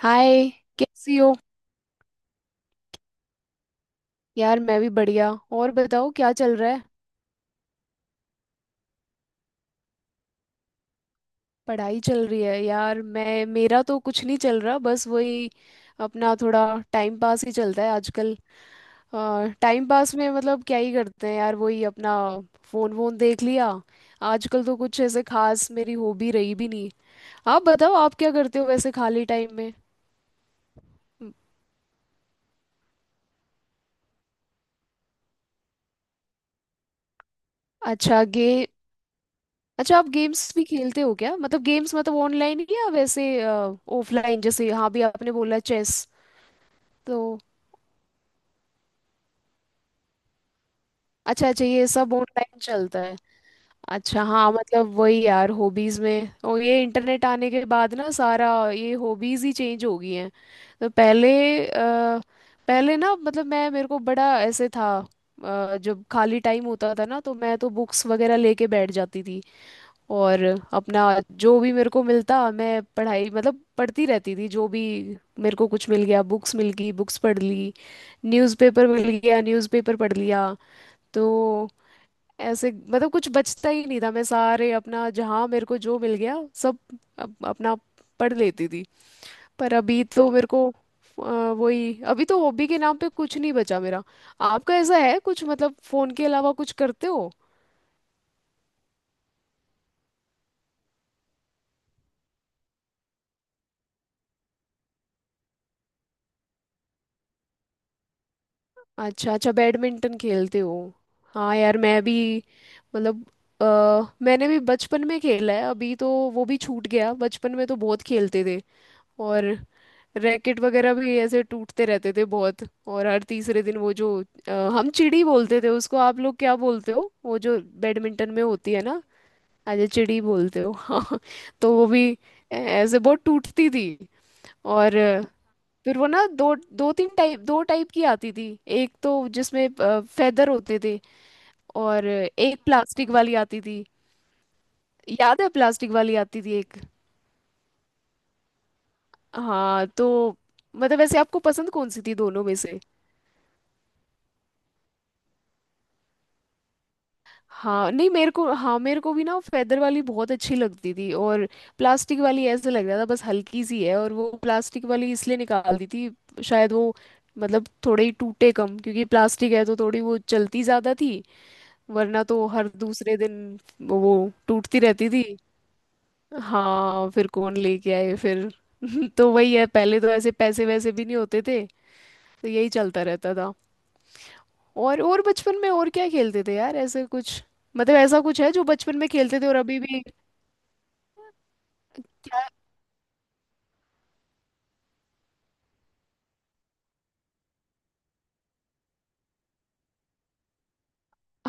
हाय। कैसी हो? यार मैं भी बढ़िया। और बताओ, क्या चल रहा है? पढ़ाई चल रही है। यार मैं, मेरा तो कुछ नहीं चल रहा, बस वही अपना थोड़ा टाइम पास ही चलता है आजकल। टाइम पास में मतलब क्या ही करते हैं यार, वही अपना फोन वोन देख लिया। आजकल तो कुछ ऐसे खास मेरी हॉबी रही भी नहीं। आप बताओ, आप क्या करते हो वैसे खाली टाइम में? अच्छा, गे। अच्छा, आप गेम्स भी खेलते हो क्या? मतलब गेम्स मतलब ऑनलाइन या वैसे ऑफलाइन? जैसे हाँ भी आपने बोला चेस, तो। अच्छा अच्छा, ये सब ऑनलाइन चलता है। अच्छा हाँ, मतलब वही यार हॉबीज में, और ये इंटरनेट आने के बाद ना सारा ये हॉबीज ही चेंज हो गई हैं। तो पहले अ, पहले ना, मतलब मैं मेरे को बड़ा ऐसे था। जब खाली टाइम होता था ना, तो मैं तो बुक्स वगैरह लेके बैठ जाती थी, और अपना जो भी मेरे को मिलता, मैं पढ़ाई मतलब पढ़ती रहती थी। जो भी मेरे को कुछ मिल गया, बुक्स मिल गई बुक्स पढ़ ली, न्यूज़पेपर मिल गया न्यूज़पेपर पढ़ लिया। तो ऐसे मतलब कुछ बचता ही नहीं था, मैं सारे अपना जहाँ मेरे को जो मिल गया सब अपना पढ़ लेती थी। पर अभी तो मेरे को वही, अभी तो हॉबी के नाम पे कुछ नहीं बचा मेरा। आपका ऐसा है कुछ, मतलब फोन के अलावा कुछ करते हो? अच्छा अच्छा, बैडमिंटन खेलते हो। हाँ यार मैं भी, मतलब अ, मैंने भी बचपन में खेला है। अभी तो वो भी छूट गया। बचपन में तो बहुत खेलते थे, और रैकेट वगैरह भी ऐसे टूटते रहते थे बहुत। और हर तीसरे दिन वो जो हम चिड़ी बोलते थे उसको, आप लोग क्या बोलते हो वो जो बैडमिंटन में होती है ना? अजय चिड़ी बोलते हो हाँ तो वो भी ऐसे बहुत टूटती थी। और फिर वो ना दो दो तीन टाइप दो टाइप की आती थी। एक तो जिसमें फेदर होते थे, और एक प्लास्टिक वाली आती थी। याद है, प्लास्टिक वाली आती थी एक। हाँ तो मतलब वैसे आपको पसंद कौन सी थी दोनों में से? हाँ नहीं, मेरे को, हाँ मेरे को भी ना फेदर वाली बहुत अच्छी लगती थी। और प्लास्टिक वाली ऐसे लग रहा था बस हल्की सी है, और वो प्लास्टिक वाली इसलिए निकाल दी थी शायद, वो मतलब थोड़े ही टूटे, कम, क्योंकि प्लास्टिक है तो थोड़ी वो चलती ज्यादा थी। वरना तो हर दूसरे दिन वो टूटती रहती थी। हाँ, फिर कौन लेके आए फिर? तो वही है, पहले तो ऐसे पैसे वैसे भी नहीं होते थे, तो यही चलता रहता था। और बचपन में और क्या खेलते थे यार ऐसे कुछ, मतलब ऐसा कुछ है जो बचपन में खेलते थे और अभी भी?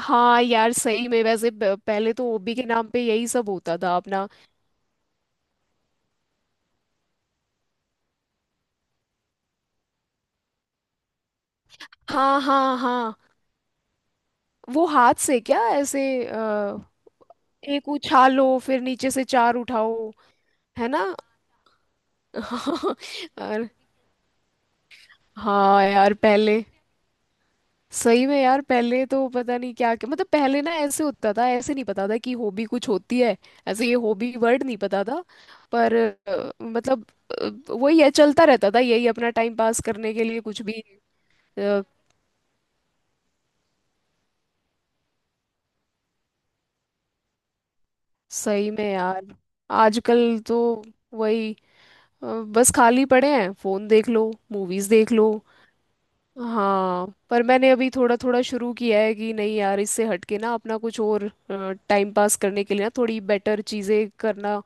हाँ यार, सही में। वैसे पहले तो ओबी के नाम पे यही सब होता था अपना। हाँ हाँ हाँ। वो हाथ से क्या, ऐसे एक उछालो फिर नीचे से चार उठाओ, है ना? और हाँ यार, पहले सही में यार, पहले तो पता नहीं क्या क्या, मतलब पहले ना ऐसे होता था, ऐसे नहीं पता था कि हॉबी कुछ होती है। ऐसे ये हॉबी वर्ड नहीं पता था, पर मतलब वही है, चलता रहता था यही अपना टाइम पास करने के लिए कुछ भी। अ, सही में यार, आजकल तो वही अ, बस खाली पड़े हैं, फोन देख लो मूवीज देख लो। हाँ पर मैंने अभी थोड़ा थोड़ा शुरू किया है कि नहीं यार, इससे हटके ना अपना कुछ और टाइम पास करने के लिए ना थोड़ी बेटर चीज़ें करना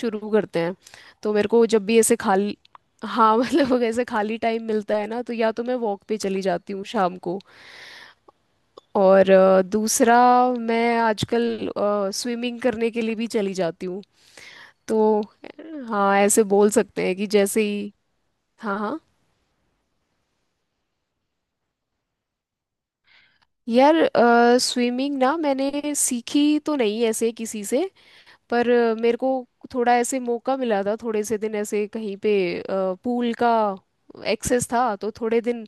शुरू करते हैं। तो मेरे को जब भी ऐसे खाली, हाँ मतलब ऐसे खाली टाइम मिलता है ना, तो या तो मैं वॉक पे चली जाती हूँ शाम को। और दूसरा, मैं आजकल स्विमिंग करने के लिए भी चली जाती हूँ। तो हाँ ऐसे बोल सकते हैं कि जैसे ही, हाँ हाँ। यार स्विमिंग ना मैंने सीखी तो नहीं ऐसे किसी से, पर मेरे को थोड़ा ऐसे मौका मिला था, थोड़े से दिन ऐसे कहीं पे पूल का एक्सेस था, तो थोड़े दिन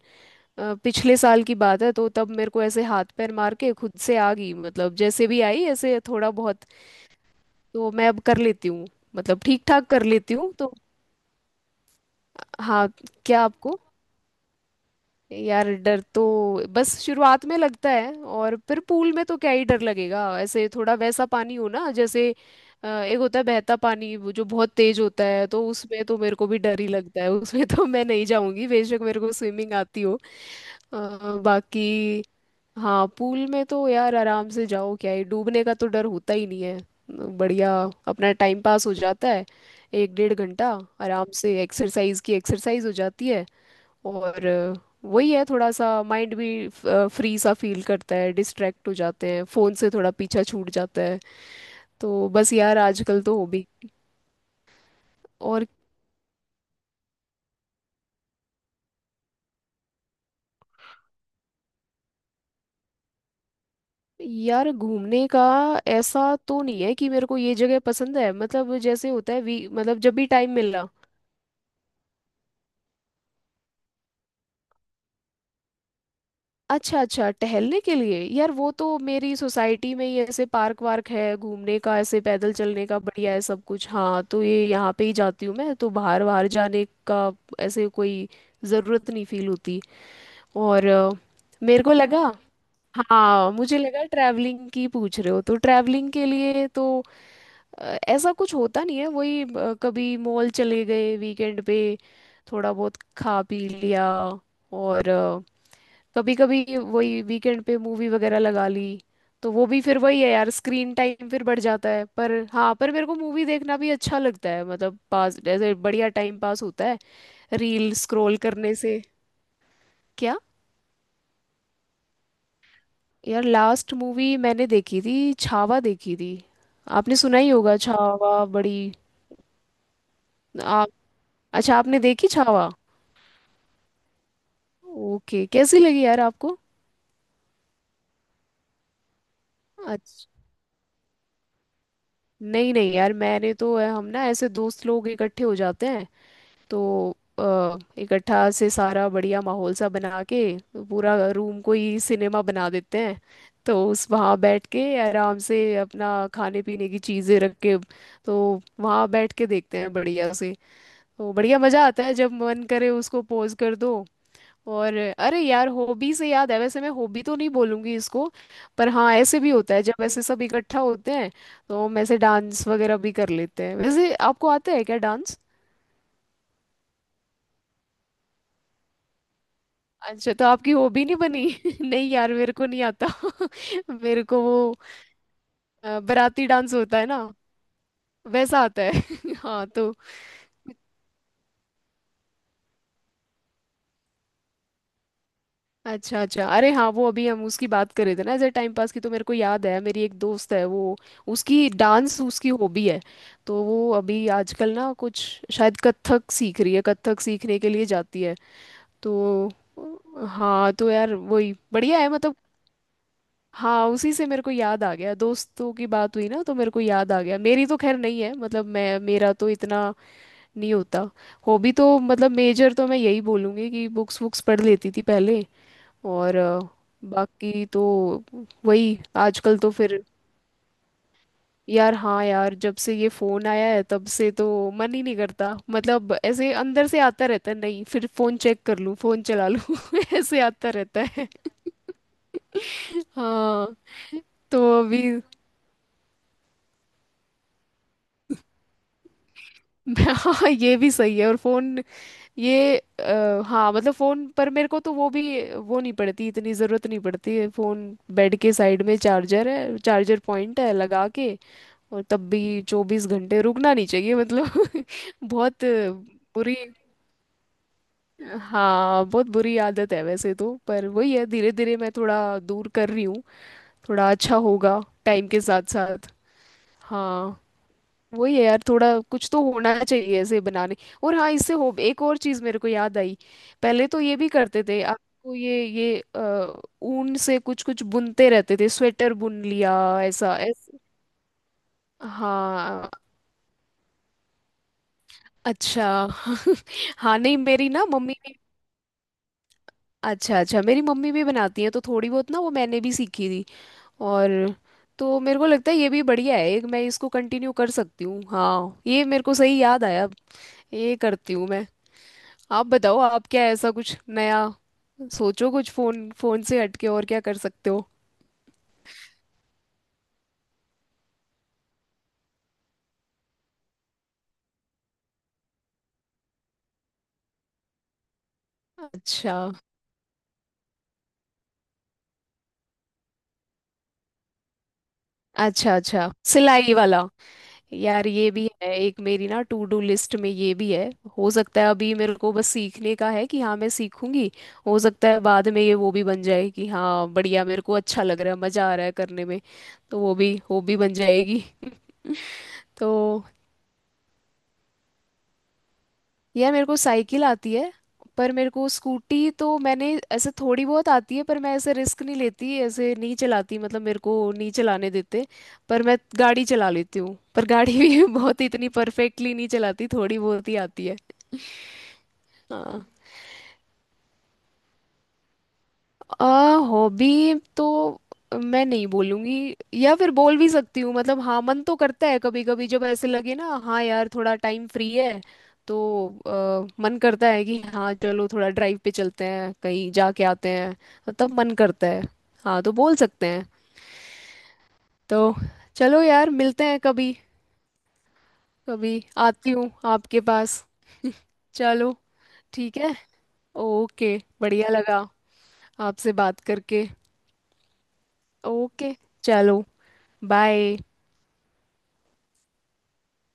पिछले साल की बात है। तो तब मेरे को ऐसे हाथ पैर मार के खुद से आ गई, मतलब जैसे भी आई ऐसे थोड़ा बहुत। तो मैं अब कर लेती हूँ, मतलब ठीक ठाक कर लेती हूँ तो। हाँ, क्या आपको? यार डर तो बस शुरुआत में लगता है, और फिर पूल में तो क्या ही डर लगेगा। ऐसे थोड़ा वैसा पानी हो ना, जैसे एक होता है बहता पानी, वो जो बहुत तेज होता है, तो उसमें तो मेरे को भी डर ही लगता है। उसमें तो मैं नहीं जाऊंगी, बेशक मेरे को स्विमिंग आती हो। अ, बाकी हाँ, पूल में तो यार आराम से जाओ, क्या है, डूबने का तो डर होता ही नहीं है। बढ़िया अपना टाइम पास हो जाता है एक डेढ़ घंटा आराम से, एक्सरसाइज की एक्सरसाइज हो जाती है। और वही है, थोड़ा सा माइंड भी फ्री सा फील करता है, डिस्ट्रैक्ट हो जाते हैं, फोन से थोड़ा पीछा छूट जाता है। तो बस यार आजकल तो हॉबी। और यार घूमने का ऐसा तो नहीं है कि मेरे को ये जगह पसंद है। मतलब जैसे होता है वी, मतलब जब भी टाइम मिला। अच्छा अच्छा, टहलने के लिए यार वो तो मेरी सोसाइटी में ही ऐसे पार्क वार्क है, घूमने का ऐसे पैदल चलने का बढ़िया है सब कुछ। हाँ तो ये यहाँ पे ही जाती हूँ मैं, तो बाहर बाहर जाने का ऐसे कोई ज़रूरत नहीं फील होती। और मेरे को लगा, हाँ मुझे लगा ट्रैवलिंग की पूछ रहे हो। तो ट्रैवलिंग के लिए तो ऐसा कुछ होता नहीं है। वही कभी मॉल चले गए वीकेंड पे, थोड़ा बहुत खा पी लिया। और कभी कभी वही वीकेंड पे मूवी वगैरह लगा ली। तो वो भी फिर वही है यार, स्क्रीन टाइम फिर बढ़ जाता है। पर हाँ, पर मेरे को मूवी देखना भी अच्छा लगता है, मतलब पास ऐसे बढ़िया टाइम पास होता है रील स्क्रॉल करने से। क्या? यार लास्ट मूवी मैंने देखी थी, छावा देखी थी। आपने सुना ही होगा छावा, बड़ी। आप, अच्छा आपने देखी छावा? ओके, कैसी लगी यार आपको? अच्छा, नहीं नहीं यार मैंने तो हम ना ऐसे दोस्त लोग इकट्ठे हो जाते हैं, तो इकट्ठा से सारा बढ़िया माहौल सा बना के पूरा रूम को ही सिनेमा बना देते हैं। तो उस वहाँ बैठ के आराम से अपना खाने पीने की चीज़ें रख के, तो वहाँ बैठ के देखते हैं बढ़िया से। तो बढ़िया मजा आता है, जब मन करे उसको पोज कर दो। और अरे यार हॉबी से याद है, वैसे मैं हॉबी तो नहीं बोलूंगी इसको, पर हाँ ऐसे भी होता है जब ऐसे सब इकट्ठा होते हैं, तो हम ऐसे डांस वगैरह भी कर लेते हैं। वैसे आपको आता है क्या डांस? अच्छा तो आपकी हॉबी नहीं बनी नहीं यार, मेरे को नहीं आता मेरे को वो बाराती डांस होता है ना, वैसा आता है हाँ तो, अच्छा अच्छा, अरे हाँ वो अभी हम उसकी बात कर रहे थे ना एज टाइम पास की, तो मेरे को याद है, मेरी एक दोस्त है, वो, उसकी डांस उसकी हॉबी है। तो वो अभी आजकल ना कुछ शायद कथक सीख रही है, कथक सीखने के लिए जाती है। तो हाँ तो यार वही बढ़िया है मतलब। हाँ उसी से मेरे को याद आ गया, दोस्तों की बात हुई ना, तो मेरे को याद आ गया। मेरी तो खैर नहीं है, मतलब मैं मेरा तो इतना नहीं होता। हॉबी तो मतलब मेजर तो मैं यही बोलूँगी कि बुक्स वुक्स पढ़ लेती थी पहले। और बाकी तो वही, आजकल तो फिर यार। हाँ यार, जब से ये फोन आया है तब से तो मन ही नहीं करता। मतलब ऐसे अंदर से आता रहता है, नहीं फिर फोन चेक कर लूँ, फोन चला लूँ ऐसे आता रहता है। हाँ तो अभी हाँ ये भी सही है। और फोन ये हाँ मतलब फोन पर मेरे को तो वो भी वो नहीं पड़ती, इतनी जरूरत नहीं पड़ती है। फोन बेड के साइड में चार्जर है, चार्जर पॉइंट है लगा के, और तब भी चौबीस घंटे रुकना नहीं चाहिए मतलब बहुत बुरी। हाँ बहुत बुरी आदत है वैसे तो, पर वही है धीरे धीरे मैं थोड़ा दूर कर रही हूँ, थोड़ा अच्छा होगा टाइम के साथ साथ। हाँ वही है यार, थोड़ा कुछ तो होना चाहिए ऐसे बनाने। और हाँ इससे हो, एक और चीज मेरे को याद आई। पहले तो ये भी करते थे, आपको ये ऊन से कुछ कुछ बुनते रहते थे, स्वेटर बुन लिया ऐसा ऐसा। हाँ अच्छा, हाँ नहीं मेरी ना मम्मी भी, अच्छा अच्छा, मेरी मम्मी भी बनाती है। तो थोड़ी बहुत ना वो मैंने भी सीखी थी। और तो मेरे को लगता है ये भी बढ़िया है, एक मैं इसको कंटिन्यू कर सकती हूँ। हाँ ये मेरे को सही याद आया, ये करती हूँ मैं। आप बताओ, आप क्या, ऐसा कुछ नया सोचो कुछ, फोन फोन से हटके और क्या कर सकते हो? अच्छा अच्छा, अच्छा सिलाई वाला। यार ये भी है एक मेरी ना टू डू लिस्ट में, ये भी है। हो सकता है, अभी मेरे को बस सीखने का है कि हाँ मैं सीखूंगी। हो सकता है बाद में ये वो भी बन जाए कि हाँ बढ़िया, मेरे को अच्छा लग रहा है, मजा आ रहा है करने में, तो वो भी बन जाएगी तो यार मेरे को साइकिल आती है, पर मेरे को स्कूटी तो, मैंने ऐसे थोड़ी बहुत आती है, पर मैं ऐसे रिस्क नहीं लेती, ऐसे नहीं चलाती, मतलब मेरे को नहीं चलाने देते। पर मैं गाड़ी चला लेती हूँ, पर गाड़ी भी बहुत इतनी परफेक्टली नहीं चलाती, थोड़ी बहुत ही आती है। हाँ, अ हॉबी तो मैं नहीं बोलूंगी, या फिर बोल भी सकती हूँ, मतलब हाँ मन तो करता है कभी कभी, जब ऐसे लगे ना हाँ यार थोड़ा टाइम फ्री है, तो मन करता है कि हाँ चलो थोड़ा ड्राइव पे चलते हैं, कहीं जाके आते हैं। तो तब मन करता है, हाँ तो बोल सकते हैं तो। चलो यार मिलते हैं कभी, कभी आती हूँ आपके पास चलो, ठीक है, ओके। बढ़िया लगा आपसे बात करके। ओके चलो, बाय।